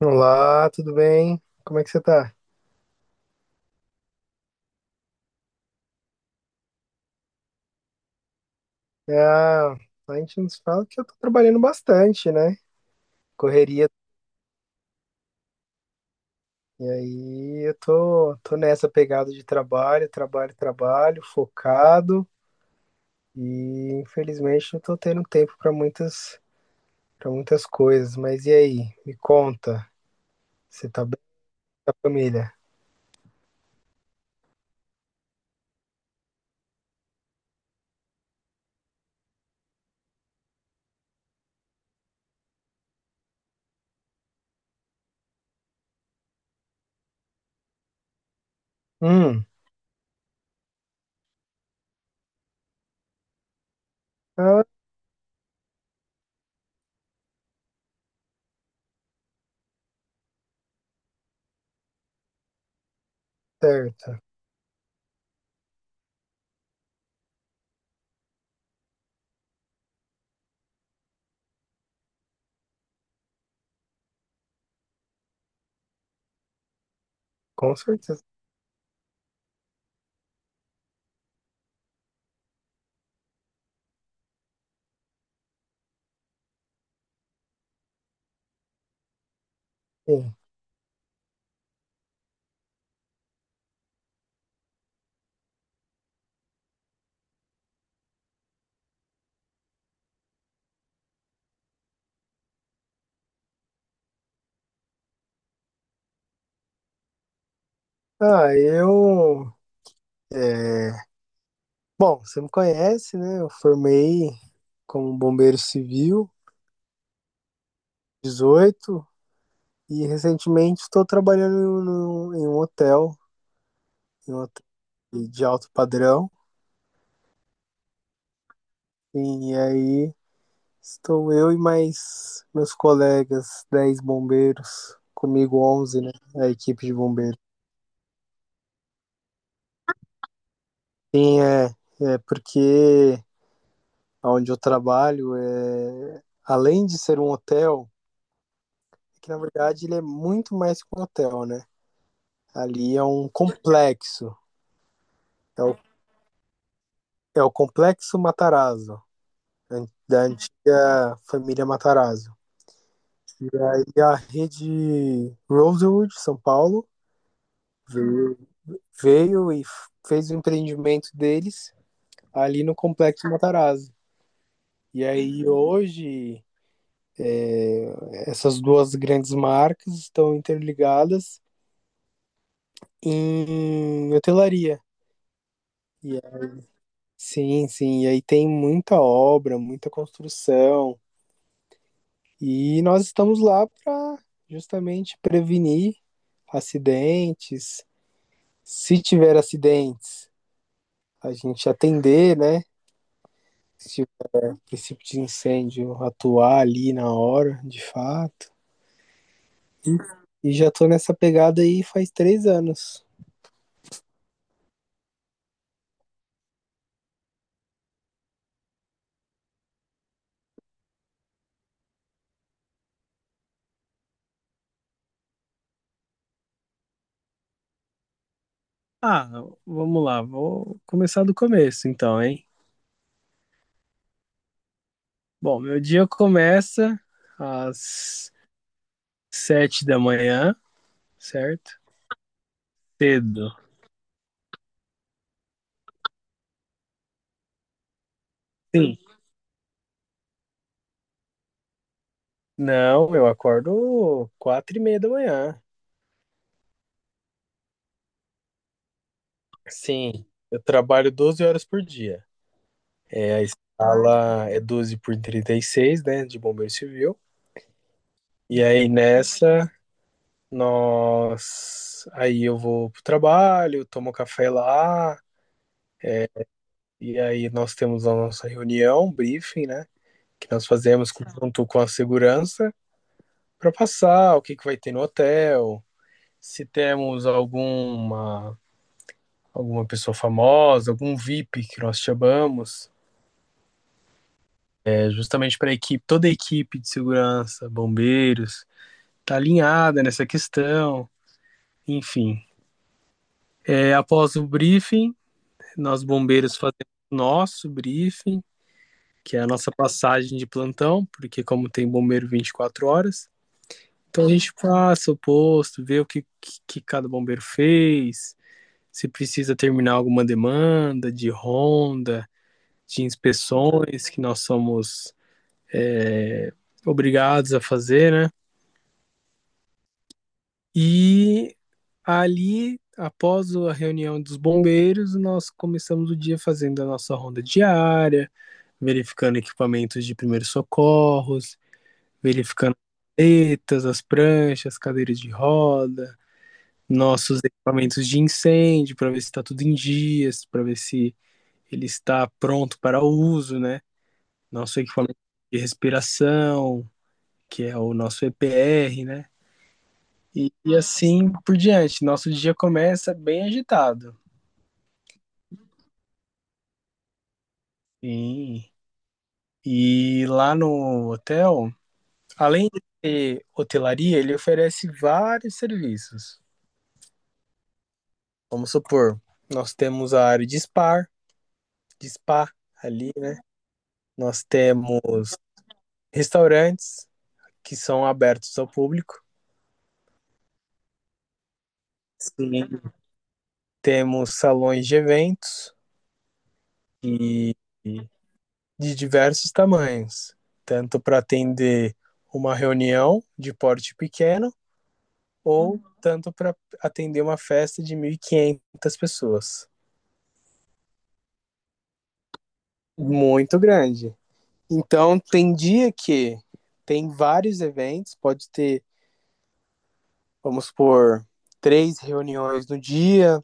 Olá, tudo bem? Como é que você tá? Ah, a gente nos fala que eu tô trabalhando bastante, né? Correria. E aí eu tô nessa pegada de trabalho, trabalho, trabalho, focado. E infelizmente não tô tendo tempo para para muitas coisas. Mas e aí? Me conta. Você tá bem com a família? Hum. Ah, certo. Com certeza. Sim. Ah, eu. é, Bom, você me conhece, né? Eu formei como bombeiro civil, 18, e recentemente estou trabalhando no- em um hotel, em um hotel de alto padrão. E aí estou eu e mais meus colegas, 10 bombeiros, comigo 11, né? A equipe de bombeiros. Sim. É porque onde eu trabalho, além de ser um hotel, é que na verdade ele é muito mais que um hotel, né? Ali é um complexo. É o, É o Complexo Matarazzo, da antiga família Matarazzo. E a rede Rosewood, São Paulo, veio, veio e fez o empreendimento deles ali no Complexo Matarazzo. E aí hoje essas duas grandes marcas estão interligadas em hotelaria. E é- sim, sim. E aí tem muita obra, muita construção. E nós estamos lá para justamente prevenir acidentes. Se tiver acidentes, a gente atender, né? Se o princípio de incêndio atuar ali na hora, de fato. E já tô nessa pegada aí faz 3 anos. Ah, Vamos lá, vou começar do começo então, hein? Bom, meu dia começa às 7 da manhã, certo? Cedo. Sim. Não, eu acordo 4h30 da manhã. Sim, eu trabalho 12 horas por dia. É, a escala é 12 por 36, né, de bombeiro civil. E aí nós... Aí eu vou pro trabalho, tomo café lá, e aí nós temos a nossa reunião, briefing, né, que nós fazemos junto com a segurança para passar o que que vai ter no hotel, se temos alguma pessoa famosa, algum VIP que nós chamamos, é justamente para a equipe, toda a equipe de segurança, bombeiros, tá alinhada nessa questão, enfim. É, após o briefing, nós bombeiros fazemos nosso briefing, que é a nossa passagem de plantão, porque como tem bombeiro 24 horas, então a gente passa o posto, vê o que, que cada bombeiro fez, se precisa terminar alguma demanda de ronda, de inspeções, que nós somos é, obrigados a fazer, né? E ali, após a reunião dos bombeiros, nós começamos o dia fazendo a nossa ronda diária, verificando equipamentos de primeiros socorros, verificando as paletas, as pranchas, cadeiras de roda, nossos equipamentos de incêndio, para ver se está tudo em dias, para ver se ele está pronto para uso, né? Nosso equipamento de respiração, que é o nosso EPR, né? E assim por diante. Nosso dia começa bem agitado. Sim. E lá no hotel, além de ter hotelaria, ele oferece vários serviços. Vamos supor, nós temos a área de spa, de spa ali, né? Nós temos restaurantes que são abertos ao público. Sim. Temos salões de eventos e e de diversos tamanhos, tanto para atender uma reunião de porte pequeno ou tanto para atender uma festa de 1.500 pessoas. Muito grande. Então, tem dia que tem vários eventos, pode ter, vamos supor, três reuniões no dia,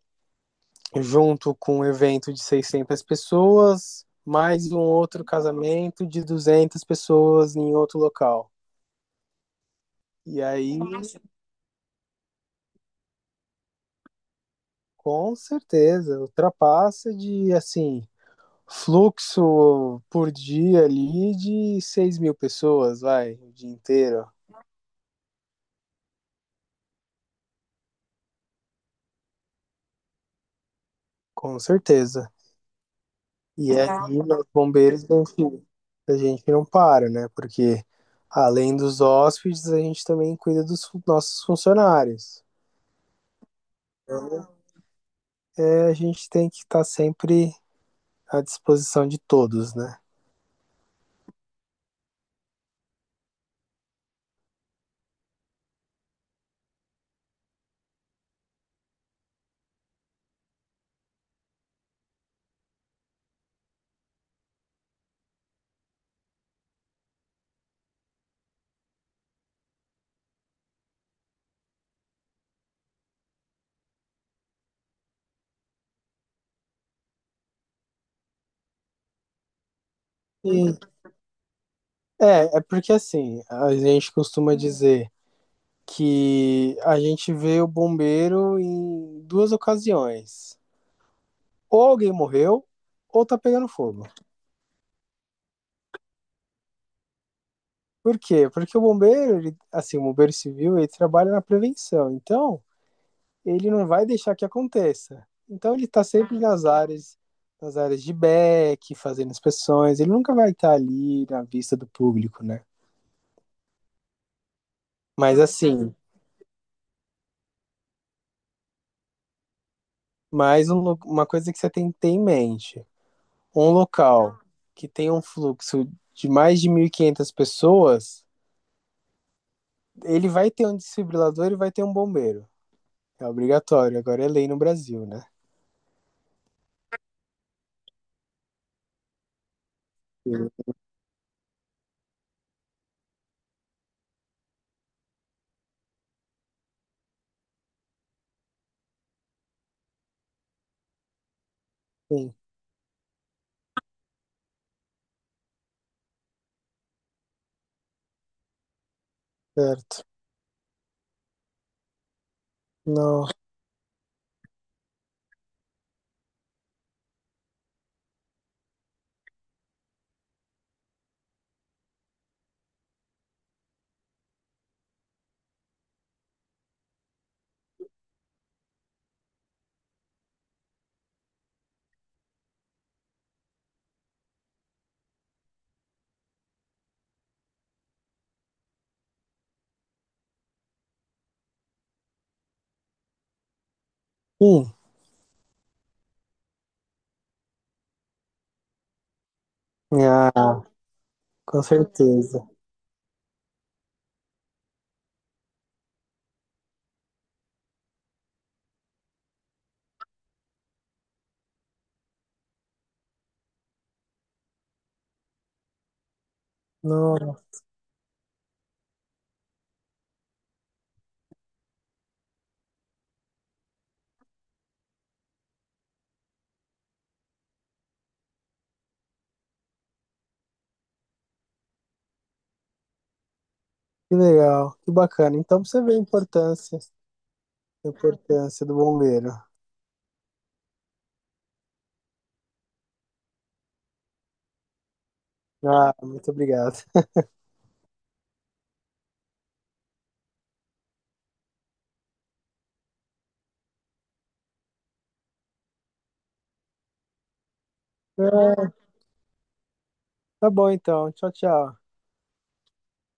junto com um evento de 600 pessoas, mais um outro casamento de 200 pessoas em outro local. E aí, nossa, com certeza, ultrapassa de, assim, fluxo por dia ali de 6.000 pessoas, vai, o dia inteiro, com certeza. E aí, os bombeiros, a gente não para, né? Porque além dos hóspedes, a gente também cuida dos nossos funcionários. Então, a gente tem que estar sempre à disposição de todos, né? E, É porque assim, a gente costuma dizer. Que a gente vê o bombeiro em duas ocasiões. Ou alguém morreu, ou tá pegando fogo. Por quê? Porque o bombeiro, ele, assim, o bombeiro civil, ele trabalha na prevenção. Então, ele não vai deixar que aconteça. Então, ele tá sempre nas áreas, de back, fazendo inspeções. Ele nunca vai estar tá ali na vista do público, né? Mas, assim, uma coisa que você tem que ter em mente. Um local que tem um fluxo de mais de 1.500 pessoas, ele vai ter um desfibrilador e vai ter um bombeiro. É obrigatório, agora é lei no Brasil, né? Sim, certo. Não. Sim. Ah, com certeza. Não, que legal, que bacana. Então pra você vê a importância, do bombeiro. Ah, muito obrigado. Ah, tá bom então. Tchau, tchau.